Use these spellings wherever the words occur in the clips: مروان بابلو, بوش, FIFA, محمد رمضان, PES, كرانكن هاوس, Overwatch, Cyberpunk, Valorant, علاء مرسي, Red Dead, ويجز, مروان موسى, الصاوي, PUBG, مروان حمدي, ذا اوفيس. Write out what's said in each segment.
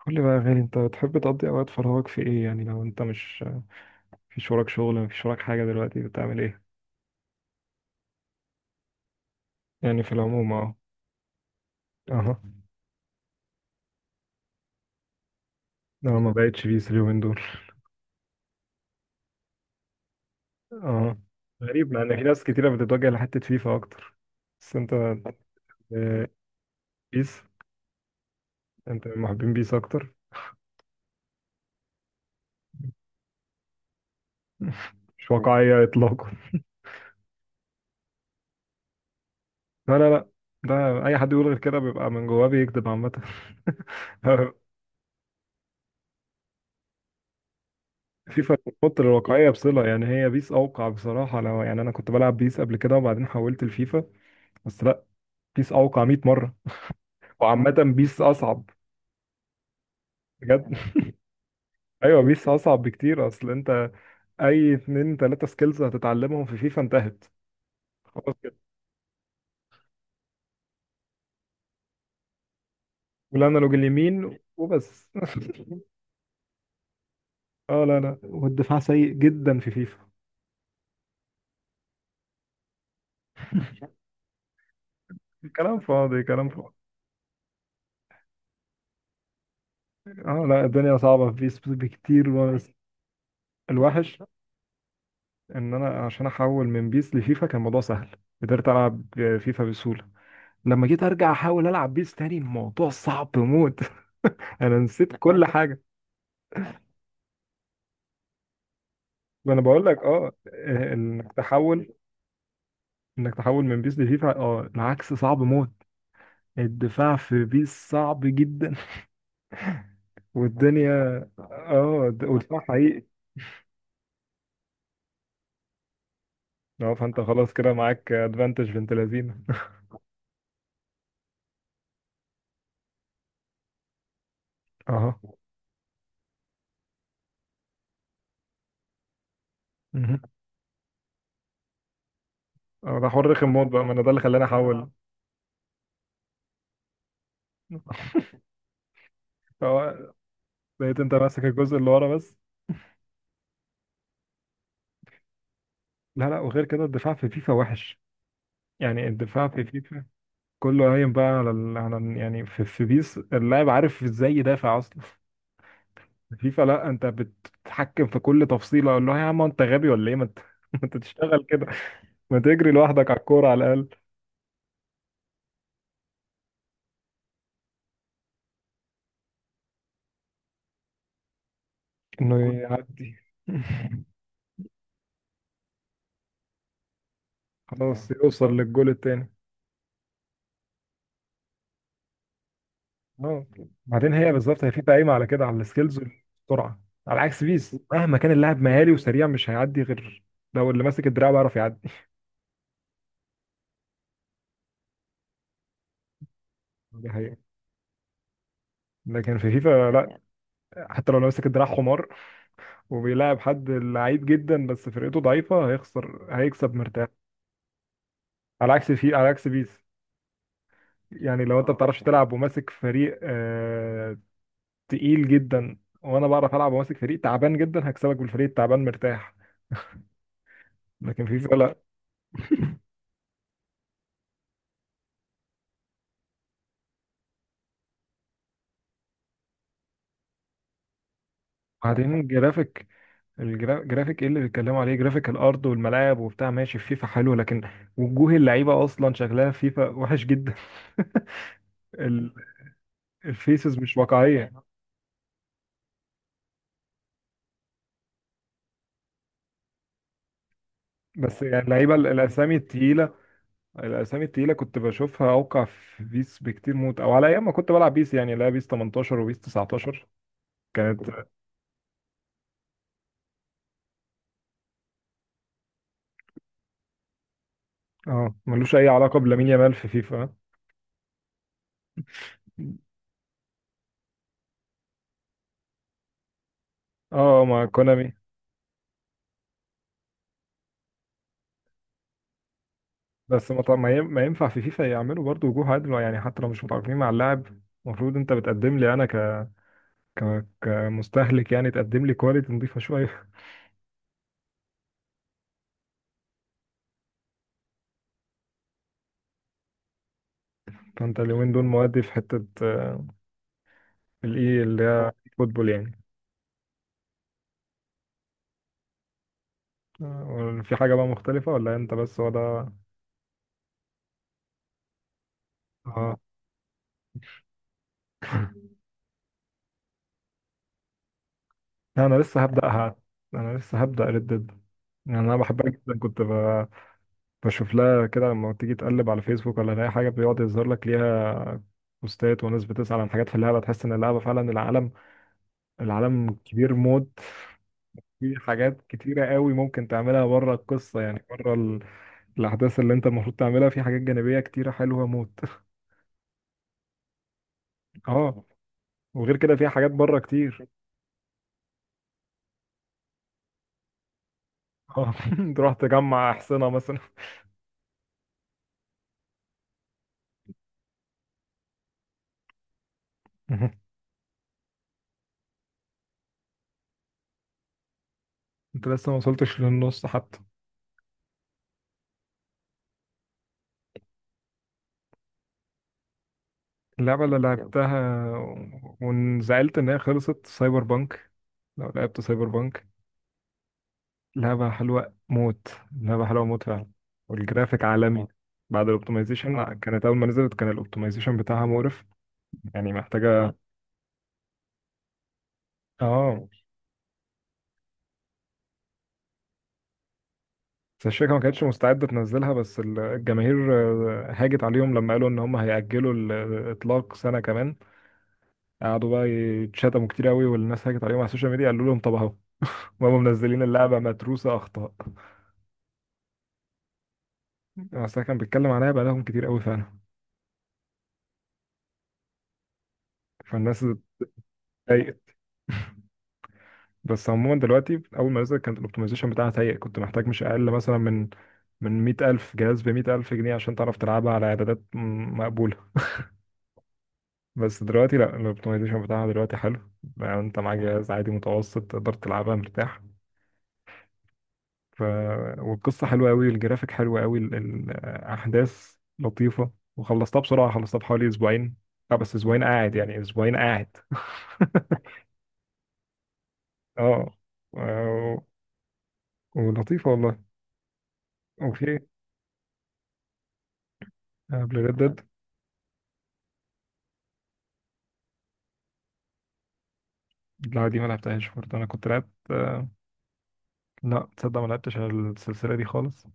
قول لي بقى يا غالي، انت بتحب تقضي اوقات فراغك في ايه؟ يعني لو انت مش مفيش وراك شغل، مفيش وراك حاجه، دلوقتي بتعمل ايه؟ يعني في العموم، اه. اه. انا ما بقتش بيس اليومين دول. اه، غريب، لان في ناس كتيره بتتوجه لحته فيفا اكتر، بس انت، اه، بيس. انت من محبين بيس اكتر؟ مش واقعيه اطلاقا. لا لا لا، ده اي حد يقول غير كده بيبقى من جواه بيكذب عامه. فيفا بتحط الواقعيه بصله، يعني هي بيس اوقع بصراحه. لو يعني انا كنت بلعب بيس قبل كده وبعدين حولت لفيفا، بس لا، بيس اوقع 100 مره. وعامه بيس اصعب بجد. ايوه بيس اصعب بكتير. اصل انت اي اتنين تلاته سكيلز هتتعلمهم في فيفا انتهت، خلاص كده. والانالوج اليمين وبس. اه لا لا، والدفاع سيء جدا في فيفا. كلام فاضي، كلام فاضي. اه لا، الدنيا صعبة في بيس بكتير. بس الوحش ان انا عشان احول من بيس لفيفا كان الموضوع سهل، قدرت العب فيفا بسهولة. لما جيت ارجع احاول العب بيس تاني الموضوع صعب موت. انا نسيت كل حاجة. ما انا بقول لك اه، انك تحول، انك تحول من بيس لفيفا، اه العكس صعب موت. الدفاع في بيس صعب جدا. والدنيا اه، والدفاع حقيقي. اه، فانت خلاص كده معاك ادفانتج بنت لذينه. اه، مهم. اه، ده حر رخم موت بقى، ما انا ده اللي خلاني احول. اه، بقيت انت ماسك الجزء اللي ورا بس. لا لا، وغير كده الدفاع في فيفا وحش، يعني الدفاع في فيفا كله قايم بقى على ال، يعني في بيس اللاعب عارف ازاي يدافع اصلا. فيفا لا، انت بتتحكم في كل تفصيله، اقول له يا عم انت غبي ولا ايه؟ ما انت ما انت تشتغل كده. ما تجري لوحدك على الكوره على الاقل، انه يعدي. خلاص يوصل للجول التاني. اه، بعدين هي بالظبط، هي فيفا قايمه على كده، على السكيلز والسرعه. على عكس بيس، مهما كان اللاعب مهاري وسريع مش هيعدي غير لو اللي ماسك الدراع بيعرف يعدي. دي حقيقة. لكن في فيفا لا، حتى لو اللي ماسك الدراع حمار، وبيلاعب حد لعيب جدا بس فرقته ضعيفه هيخسر، هيكسب مرتاح. على عكس على عكس بيس، يعني لو انت ما بتعرفش تلعب وماسك فريق آه تقيل جدا، وانا بعرف العب وماسك فريق تعبان جدا، هكسبك بالفريق التعبان مرتاح. لكن في فرق. بعدين جرافيك، الجرافيك، ايه اللي بيتكلموا عليه؟ جرافيك الارض والملاعب وبتاع ماشي، في فيفا حلو، لكن وجوه اللعيبه اصلا شكلها في فيفا وحش جدا. ال- الفيسز مش واقعيه. بس يعني اللعيبه، الاسامي التقيله، الاسامي التقيله كنت بشوفها اوقع في بيس بكتير موت. او على ايام ما كنت بلعب بيس يعني، لا بيس 18 وبيس 19 كانت اه، ملوش اي علاقه بلامين يامال في فيفا. اه، مع كونامي. بس ما طب ما ما ينفع في فيفا يعملوا برضو وجوه عدل، يعني حتى لو مش متعاقدين مع اللاعب، المفروض انت بتقدم لي انا ك، ك، كمستهلك، يعني تقدم لي كواليتي نضيفه شويه. فانت اليومين دول مودي في حته، الاي اللي هي فوتبول يعني. في حاجه بقى مختلفه ولا انت بس هو ده؟ اه. لا، انا لسه هبداها. انا لسه هبدا ريد ديد. يعني انا بحبها جدا، كنت بشوف لها كده، لما تيجي تقلب على فيسبوك ولا اي حاجه بيقعد يظهر لك ليها بوستات وناس بتسأل عن حاجات في اللعبه. تحس ان اللعبه فعلا العالم، العالم كبير موت. في حاجات كتيره قوي ممكن تعملها بره القصه، يعني بره ال، الاحداث اللي انت المفروض تعملها، في حاجات جانبيه كتيره حلوه موت. اه، وغير كده في حاجات بره كتير. اه. تروح تجمع احصنه مثلا. انت لسه ما وصلتش للنص حتى. اللعبه اللي لعبتها وانزعلت ان هي خلصت، سايبر بانك. لو لعبت سايبر بانك، لعبة حلوة موت. لعبة حلوة موت فعلا. والجرافيك عالمي، اه، بعد الاوبتمايزيشن. اه، كانت أول ما نزلت كان الاوبتمايزيشن بتاعها مقرف، يعني محتاجة آه. اه، بس الشركة ما كانتش مستعدة تنزلها، بس الجماهير هاجت عليهم لما قالوا إن هم هيأجلوا الإطلاق سنة كمان. قعدوا بقى يتشتموا كتير قوي، والناس هاجت عليهم على السوشيال ميديا، قالوا لهم طب أهو، هم منزلين اللعبة متروسة أخطاء. بس ده كان بيتكلم عليها بقالهم كتير قوي فعلا، فالناس اتضايقت. بس عموما دلوقتي اول ما نزل كانت الاوبتمايزيشن بتاعها سيء، كنت محتاج مش اقل مثلا من 100000 جهاز ب 100000 جنيه عشان تعرف تلعبها على اعدادات مقبوله. بس دلوقتي لا، الاوبتمايزيشن بتاعها دلوقتي حلو، يعني انت معاك جهاز عادي متوسط تقدر تلعبها مرتاح. ف، والقصه حلوه قوي، الجرافيك حلو قوي، الاحداث لطيفه، وخلصتها بسرعه، خلصتها في حوالي اسبوعين. اه بس اسبوعين قاعد يعني، اسبوعين قاعد. اه و- ولطيفه والله. وفي قبل ريد، لا دي ما لعبتهاش برضه، انا كنت لعبت، لا تصدق ما لعبتش على السلسله دي خالص.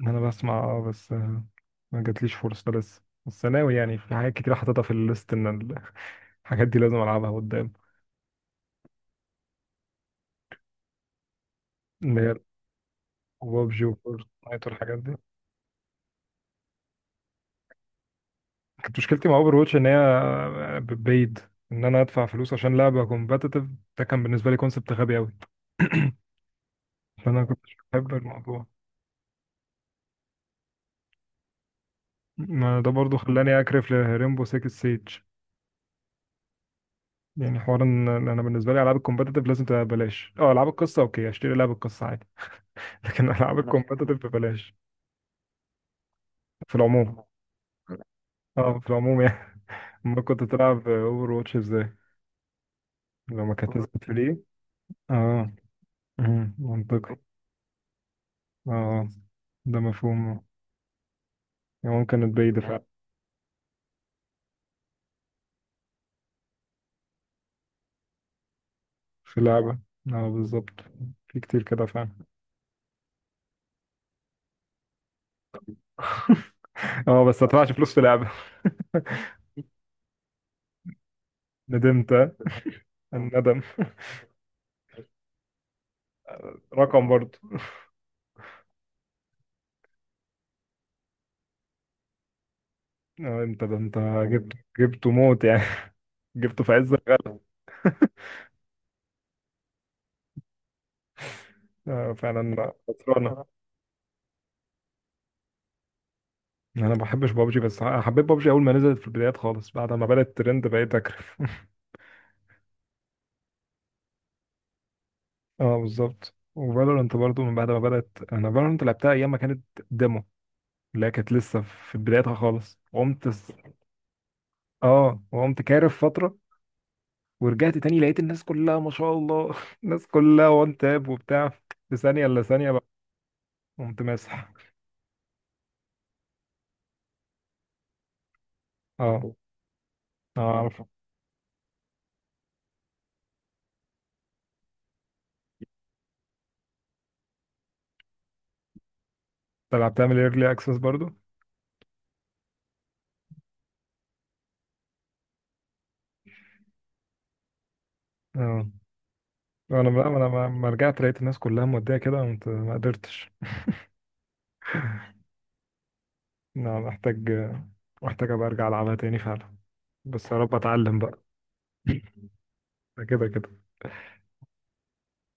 انا بسمع، اه بس ما جاتليش فرصه لسه، بس ناوي يعني، في حاجات كتير حاططها في الليست ان ال، الحاجات دي لازم العبها قدام. اللي هي ببجي وفورتنايت والحاجات دي. كانت مشكلتي مع اوفر واتش ان هي بيد، ان انا ادفع فلوس عشان لعبه كومبتيتيف، ده كان بالنسبه لي كونسبت غبي قوي. فانا كنتش بحب الموضوع. ما ده برضو خلاني اكرف لريمبو 6 سيج. يعني حوار ان انا بالنسبه لي العاب الكومبتيتيف لازم تبقى ببلاش، اه العاب القصه اوكي اشتري لعب القصه عادي، لكن العاب انا الكومبتيتيف ببلاش في العموم. اه، في العموم يعني. ما كنت تلعب اوفر واتش ازاي لما كانت نزلت فري؟ اه. أمم، منطقي. اه، ده مفهوم. يعني ممكن تبيد فعلا، في اللعبه. اه بالظبط، في كتير كده فعلا. اه بس ما ادفعش فلوس في لعبه. ندمت آه. الندم رقم برضه. آه انت، ده انت جبته، جبته موت يعني. جبته في عز الغلا. آه فعلا خسرانه. انا ما بحبش بابجي، بس حبيت بابجي اول ما نزلت في البدايات خالص، بعد ما بدات ترند بقيت اكرف. اه بالظبط، وفالورانت برضو من بعد ما بدات. انا فالورانت لعبتها ايام ما كانت ديمو، اللي هي كانت لسه في بدايتها خالص. قمت س، اه وقمت كارف فتره ورجعت تاني لقيت الناس كلها ما شاء الله. الناس كلها وان تاب وبتاع، في ثانيه الا ثانيه بقى. قمت ماسح. اه. اه عارف. انت لعبتها من الايرلي اكسس برضو؟ اه، انا بقى، انا ما رجعت لقيت الناس كلها موديه كده، قمت ما قدرتش. لا، محتاج، محتاج ابقى ارجع العبها تاني فعلا، بس يا رب اتعلم بقى. ده كده كده.